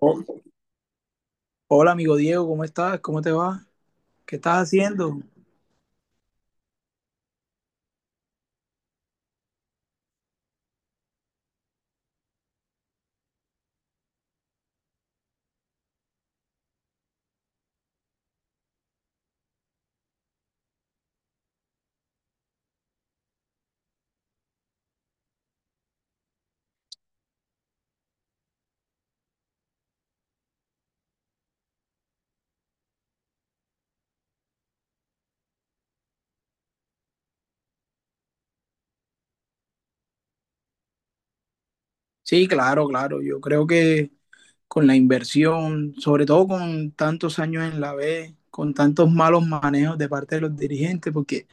Oh, hola, amigo Diego, ¿cómo estás? ¿Cómo te va? ¿Qué estás haciendo? Sí, claro, claro. Yo creo que con la inversión, sobre todo con tantos años en la B, con tantos malos manejos de parte de los dirigentes, porque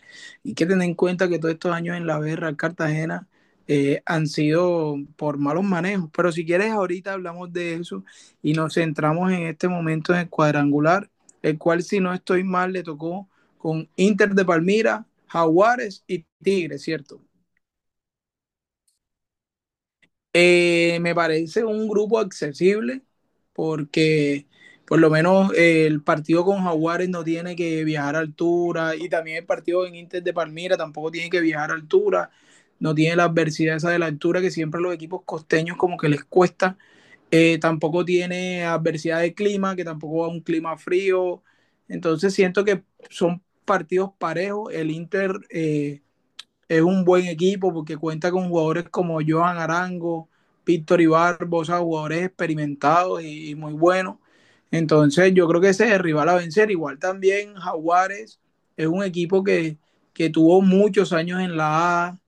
hay que tener en cuenta que todos estos años en la B, Real Cartagena, han sido por malos manejos. Pero si quieres, ahorita hablamos de eso y nos centramos en este momento en el cuadrangular, el cual, si no estoy mal, le tocó con Inter de Palmira, Jaguares y Tigres, ¿cierto? Me parece un grupo accesible porque por lo menos el partido con Jaguares no tiene que viajar a altura, y también el partido en Inter de Palmira tampoco tiene que viajar a altura, no tiene la adversidad esa de la altura que siempre a los equipos costeños como que les cuesta. Tampoco tiene adversidad de clima, que tampoco va a un clima frío, entonces siento que son partidos parejos. El Inter, es un buen equipo porque cuenta con jugadores como Johan Arango, Víctor Ibarbo, o sea, jugadores experimentados y muy buenos. Entonces, yo creo que ese es el rival a vencer. Igual también Jaguares es un equipo que tuvo muchos años en la A.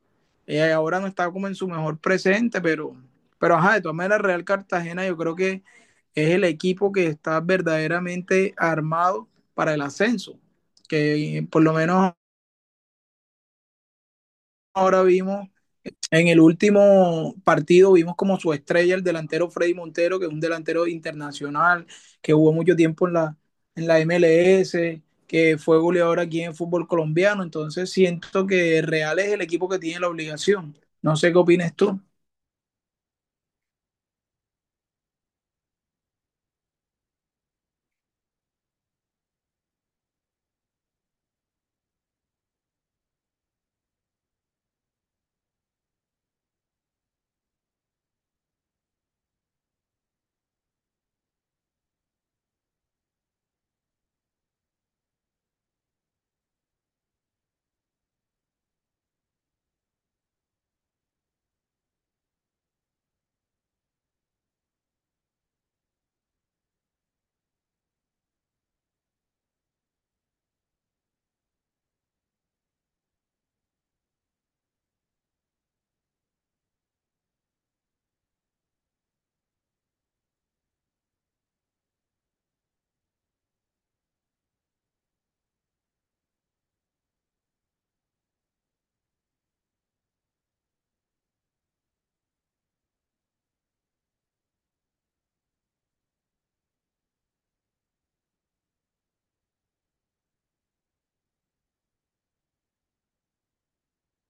Ahora no está como en su mejor presente, pero ajá, de todas maneras, Real Cartagena yo creo que es el equipo que está verdaderamente armado para el ascenso. Que por lo menos ahora vimos, en el último partido vimos como su estrella el delantero Freddy Montero, que es un delantero internacional, que jugó mucho tiempo en la MLS, que fue goleador aquí en el fútbol colombiano. Entonces siento que Real es el equipo que tiene la obligación. No sé qué opinas tú.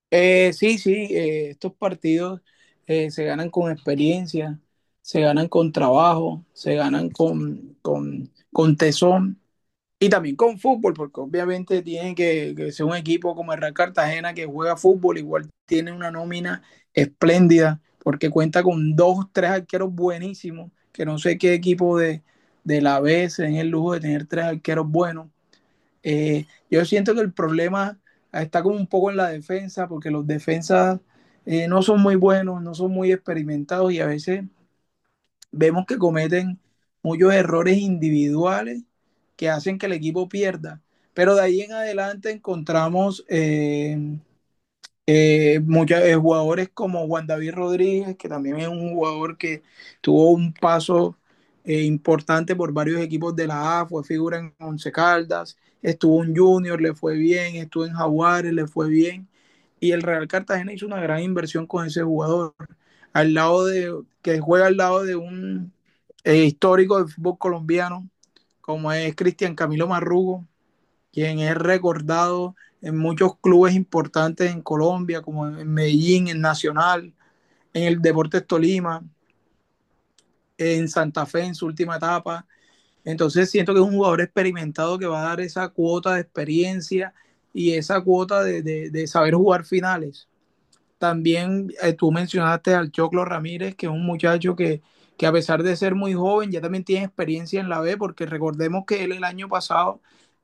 Sí, sí, estos partidos se ganan con experiencia, se ganan con trabajo, se ganan con tesón. Y también con fútbol, porque obviamente tiene que ser un equipo como el Real Cartagena que juega fútbol. Igual tiene una nómina espléndida, porque cuenta con dos, tres arqueros buenísimos, que no sé qué equipo de la B se den el lujo de tener tres arqueros buenos. Yo siento que el problema está como un poco en la defensa, porque los defensas no son muy buenos, no son muy experimentados y a veces vemos que cometen muchos errores individuales que hacen que el equipo pierda. Pero de ahí en adelante encontramos jugadores como Juan David Rodríguez, que también es un jugador que tuvo un paso importante por varios equipos de la A, fue figura en Once Caldas, estuvo en Junior, le fue bien, estuvo en Jaguares, le fue bien, y el Real Cartagena hizo una gran inversión con ese jugador, al lado de, que juega al lado de un histórico del fútbol colombiano, como es Cristian Camilo Marrugo, quien es recordado en muchos clubes importantes en Colombia, como en Medellín, en Nacional, en el Deportes Tolima, en Santa Fe en su última etapa. Entonces siento que es un jugador experimentado que va a dar esa cuota de experiencia y esa cuota de saber jugar finales. También tú mencionaste al Choclo Ramírez, que es un muchacho que a pesar de ser muy joven, ya también tiene experiencia en la B, porque recordemos que él el año pasado,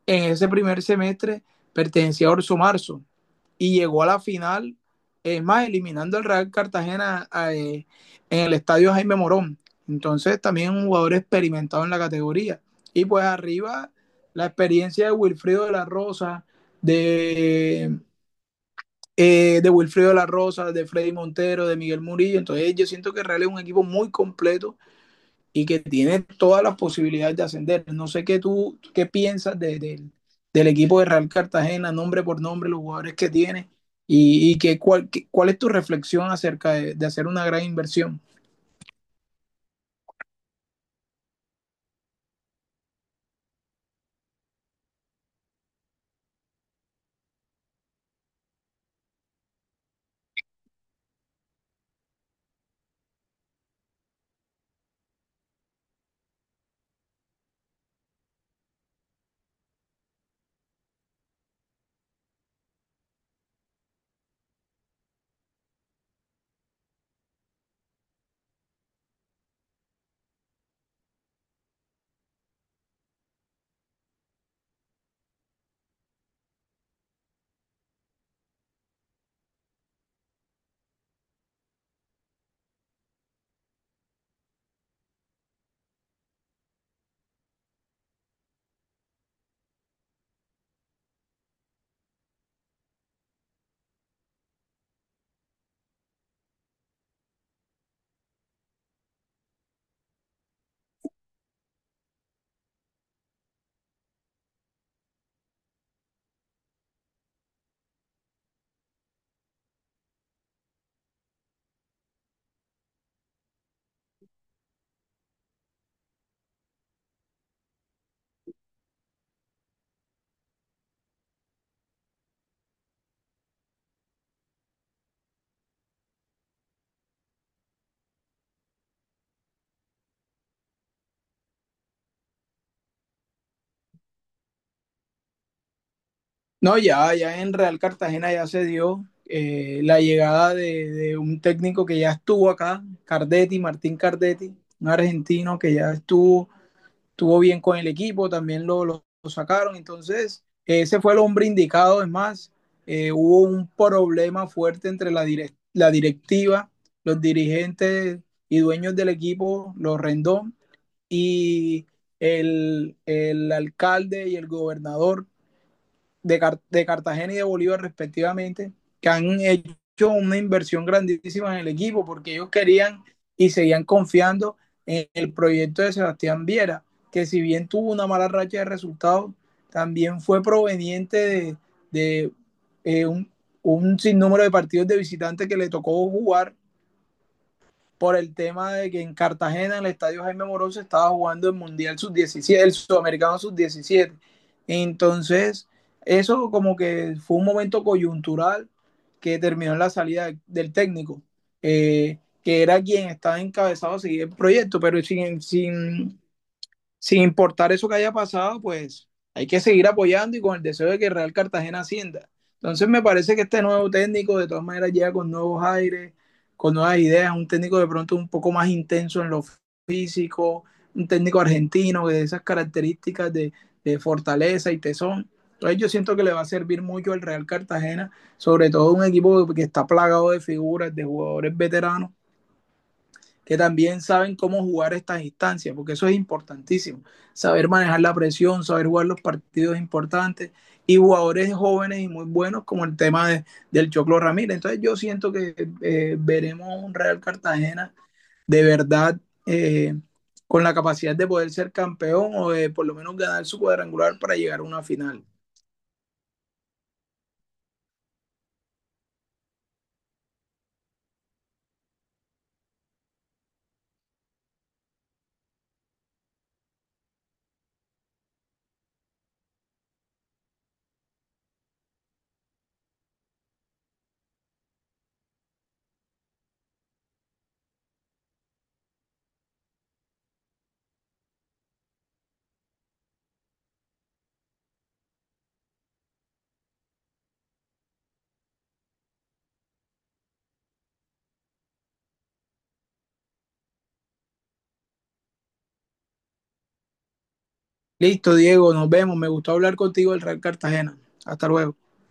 en ese primer semestre, pertenecía a Orso Marzo y llegó a la final, es más, eliminando al Real Cartagena en el estadio Jaime Morón. Entonces, también un jugador experimentado en la categoría. Y pues arriba, la experiencia de Wilfrido de la Rosa, de de Wilfrido La Rosa, de Freddy Montero, de Miguel Murillo. Entonces yo siento que Real es un equipo muy completo y que tiene todas las posibilidades de ascender. No sé qué tú qué piensas del equipo de Real Cartagena, nombre por nombre, los jugadores que tiene y cuál es tu reflexión acerca hacer una gran inversión. No, ya, Ya en Real Cartagena ya se dio la llegada de un técnico que ya estuvo acá, Cardetti, Martín Cardetti, un argentino que ya estuvo, tuvo bien con el equipo, también lo sacaron. Entonces ese fue el hombre indicado, es más, hubo un problema fuerte entre la directiva, los dirigentes y dueños del equipo, los Rendón, y el alcalde y el gobernador de, Car de Cartagena y de Bolívar respectivamente, que han hecho una inversión grandísima en el equipo porque ellos querían y seguían confiando en el proyecto de Sebastián Viera, que si bien tuvo una mala racha de resultados, también fue proveniente de eh, un, un sinnúmero de partidos de visitantes que le tocó jugar por el tema de que en Cartagena, en el estadio Jaime Morón, se estaba jugando el Mundial Sub-17, el Sudamericano Sub-17. Entonces, eso como que fue un momento coyuntural que terminó en la salida del técnico, que era quien estaba encabezado a seguir el proyecto, pero sin importar eso que haya pasado, pues hay que seguir apoyando y con el deseo de que Real Cartagena ascienda. Entonces me parece que este nuevo técnico de todas maneras llega con nuevos aires, con nuevas ideas, un técnico de pronto un poco más intenso en lo físico, un técnico argentino de esas características de fortaleza y tesón. Entonces yo siento que le va a servir mucho al Real Cartagena, sobre todo un equipo que está plagado de figuras, de jugadores veteranos que también saben cómo jugar estas instancias, porque eso es importantísimo. Saber manejar la presión, saber jugar los partidos importantes y jugadores jóvenes y muy buenos como el tema del Choclo Ramírez. Entonces yo siento que veremos un Real Cartagena de verdad eh, con la capacidad de poder ser campeón o de por lo menos ganar su cuadrangular para llegar a una final. Listo, Diego, nos vemos. Me gustó hablar contigo del Real Cartagena. Hasta luego.